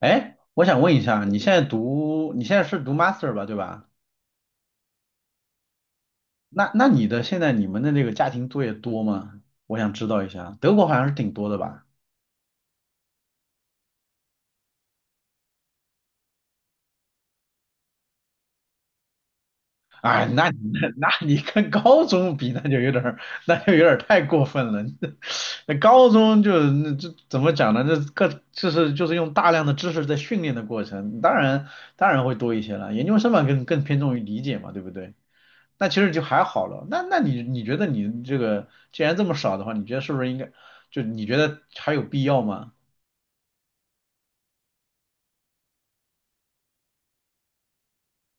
哎，我想问一下，你现在是读 master 吧，对吧？那你的现在你们的那个家庭作业多吗？我想知道一下，德国好像是挺多的吧？哎，那你跟高中比，那就有点儿太过分了。那高中就那这怎么讲呢？就是用大量的知识在训练的过程，当然会多一些了。研究生嘛，更偏重于理解嘛，对不对？那其实就还好了。那你觉得你这个既然这么少的话，你觉得是不是应该你觉得还有必要吗？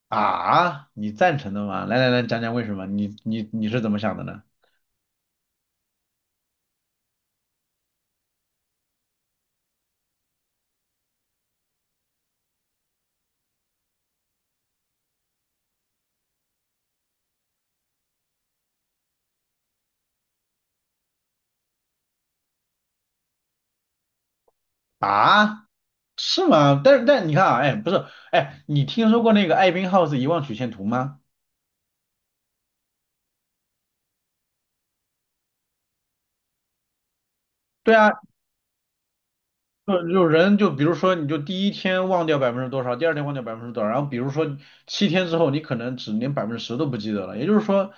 啊，你赞成的吗？来来来，讲讲为什么？你是怎么想的呢？啊，是吗？但是但你看啊，哎，不是，哎，你听说过那个艾宾浩斯遗忘曲线图吗？对啊，就人就比如说，你就第一天忘掉百分之多少，第二天忘掉百分之多少，然后比如说七天之后，你可能只连百分之十都不记得了。也就是说，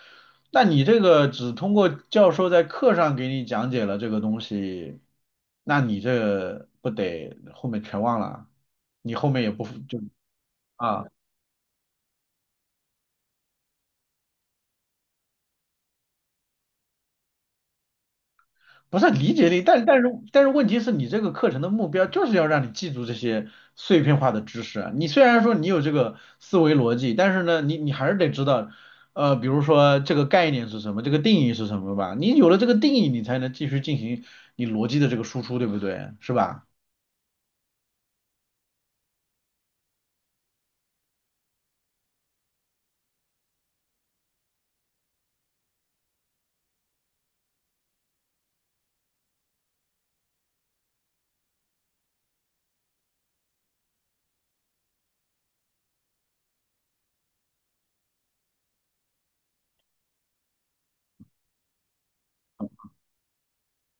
那你这个只通过教授在课上给你讲解了这个东西，那你这不得后面全忘了？你后面也不就啊？不是理解力，但是但是问题是你这个课程的目标就是要让你记住这些碎片化的知识啊。你虽然说你有这个思维逻辑，但是呢，你还是得知道，比如说这个概念是什么，这个定义是什么吧。你有了这个定义，你才能继续进行你逻辑的这个输出，对不对？是吧？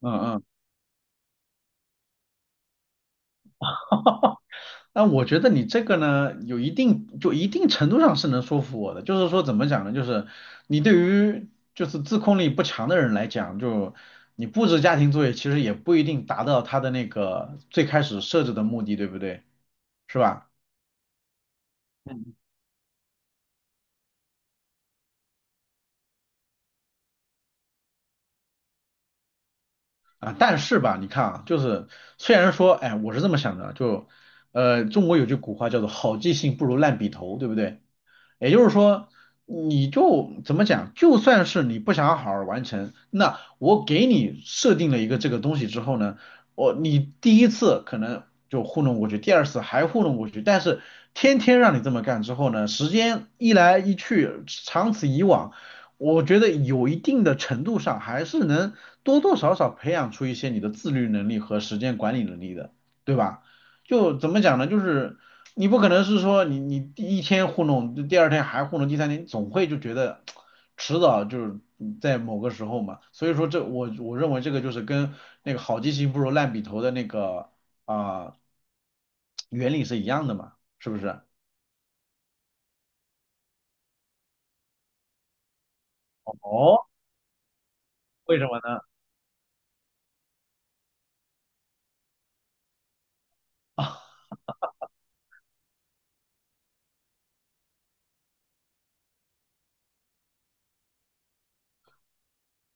嗯嗯。那我觉得你这个呢，有一定就一定程度上是能说服我的，就是说怎么讲呢，就是你对于就是自控力不强的人来讲，就你布置家庭作业其实也不一定达到他的那个最开始设置的目的，对不对？是吧？嗯啊，但是吧，你看啊，就是虽然说，哎，我是这么想的，中国有句古话叫做好记性不如烂笔头，对不对？也就是说，你就怎么讲，就算是你不想好好完成，那我给你设定了一个这个东西之后呢，我你第一次可能就糊弄过去，第二次还糊弄过去，但是天天让你这么干之后呢，时间一来一去，长此以往，我觉得有一定的程度上还是能多多少少培养出一些你的自律能力和时间管理能力的，对吧？就怎么讲呢？就是你不可能是说你第一天糊弄，第二天还糊弄，第三天总会就觉得迟早就是在某个时候嘛。所以说这我认为这个就是跟那个好记性不如烂笔头的那个啊、呃原理是一样的嘛，是不是？哦，为什么呢？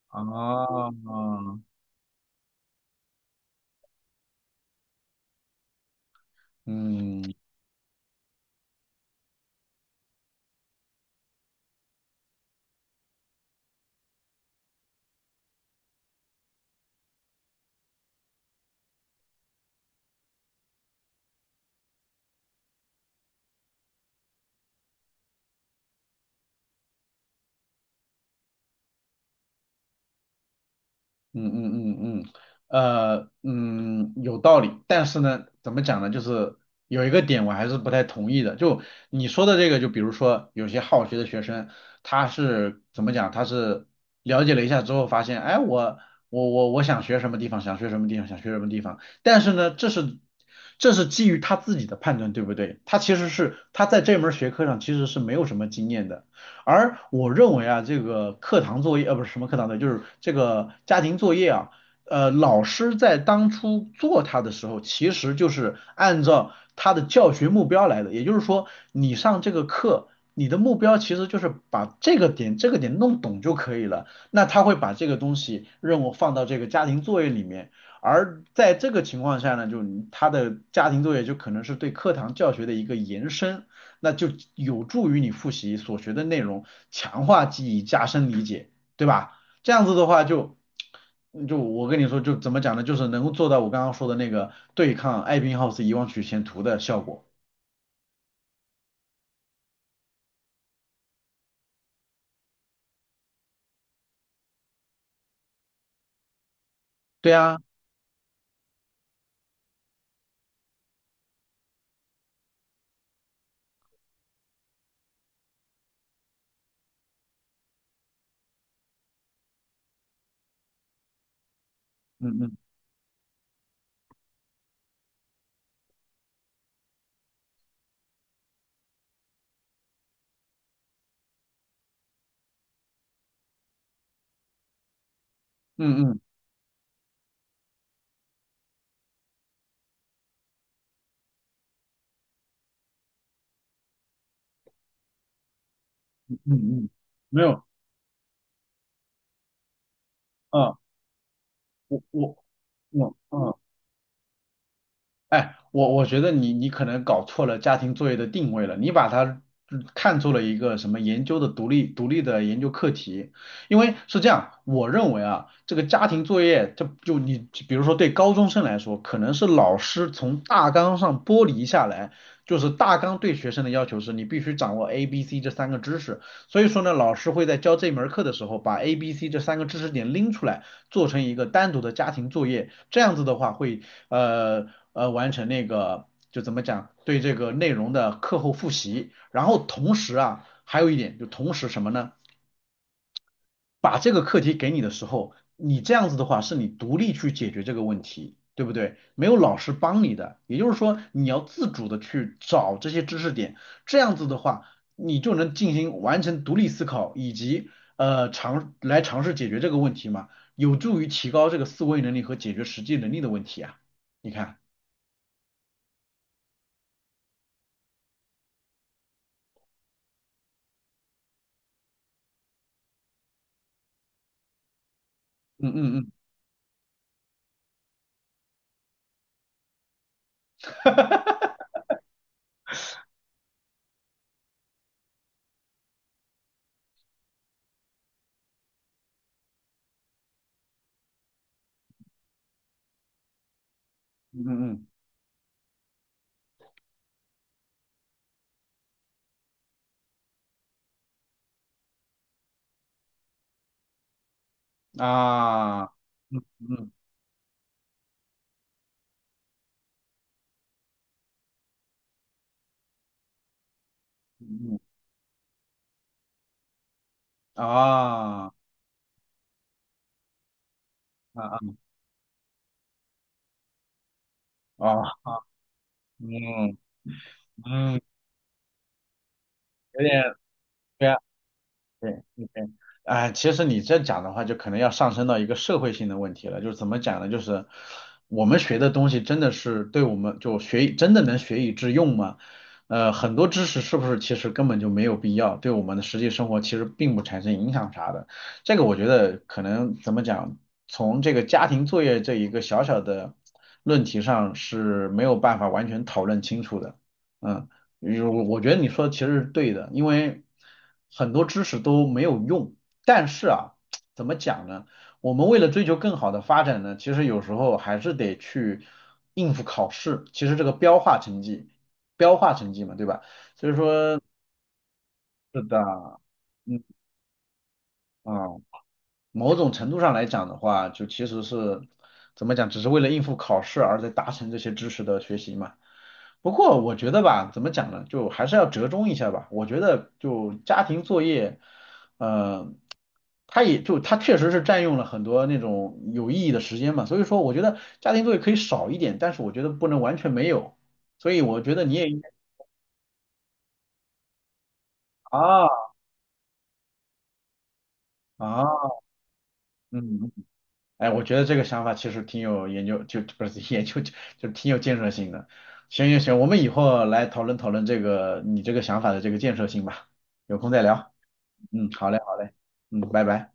啊，嗯，嗯嗯嗯嗯，有道理，但是呢，怎么讲呢？就是有一个点我还是不太同意的，就你说的这个，就比如说有些好学的学生，他是怎么讲？他是了解了一下之后发现，哎，我想学什么地方，想学什么地方，想学什么地方，但是呢，这是基于他自己的判断，对不对？他其实是他在这门学科上其实是没有什么经验的。而我认为啊，这个课堂作业，呃，不是什么课堂作业，就是这个家庭作业啊，老师在当初做它的时候，其实就是按照他的教学目标来的，也就是说，你上这个课，你的目标其实就是把这个点弄懂就可以了，那他会把这个东西任务放到这个家庭作业里面。而在这个情况下呢，就是他的家庭作业就可能是对课堂教学的一个延伸，那就有助于你复习所学的内容，强化记忆，加深理解，对吧？这样子的话就，就我跟你说，就怎么讲呢？就是能够做到我刚刚说的那个对抗艾宾浩斯遗忘曲线图的效果。对啊，嗯嗯嗯嗯嗯嗯，没有，嗯，我我我嗯。哎，我觉得你你可能搞错了家庭作业的定位了，你把它嗯看作了一个什么研究的独立的研究课题，因为是这样，我认为啊，这个家庭作业，你比如说对高中生来说，可能是老师从大纲上剥离下来，就是大纲对学生的要求是你必须掌握 A、B、C 这三个知识，所以说呢，老师会在教这门课的时候把 A、B、C 这三个知识点拎出来。做成一个单独的家庭作业，这样子的话会呃完成那个就怎么讲对这个内容的课后复习，然后同时啊还有一点就同时什么呢？把这个课题给你的时候，你这样子的话是你独立去解决这个问题，对不对？没有老师帮你的，也就是说你要自主的去找这些知识点，这样子的话，你就能进行完成独立思考以及尝试解决这个问题嘛，有助于提高这个思维能力和解决实际能力的问题啊。你看，嗯嗯嗯嗯嗯嗯啊，嗯嗯嗯嗯啊。啊啊啊，嗯嗯，有点，对对，OK,哎，其实你这讲的话，就可能要上升到一个社会性的问题了。就是怎么讲呢？就是我们学的东西真的是对我们就学以真的能学以致用吗？呃，很多知识是不是其实根本就没有必要，对我们的实际生活其实并不产生影响啥的。这个我觉得可能怎么讲，从这个家庭作业这一个小小的论题上是没有办法完全讨论清楚的。嗯。嗯，我觉得你说的其实是对的，因为很多知识都没有用。但是啊，怎么讲呢？我们为了追求更好的发展呢，其实有时候还是得去应付考试。其实这个标化成绩，标化成绩嘛，对吧？所以说，是的，嗯啊。某种程度上来讲的话，就其实是怎么讲，只是为了应付考试而在达成这些知识的学习嘛。不过我觉得吧，怎么讲呢，就还是要折中一下吧。我觉得就家庭作业，呃，它也就它确实是占用了很多那种有意义的时间嘛。所以说，我觉得家庭作业可以少一点，但是我觉得不能完全没有。所以我觉得你也应该啊啊，嗯。哎，我觉得这个想法其实挺有研究，就不是 研究，就挺有建设性的。行行行，我们以后来讨论讨论这个你这个想法的这个建设性吧，有空再聊。嗯，好嘞好嘞，嗯，拜拜。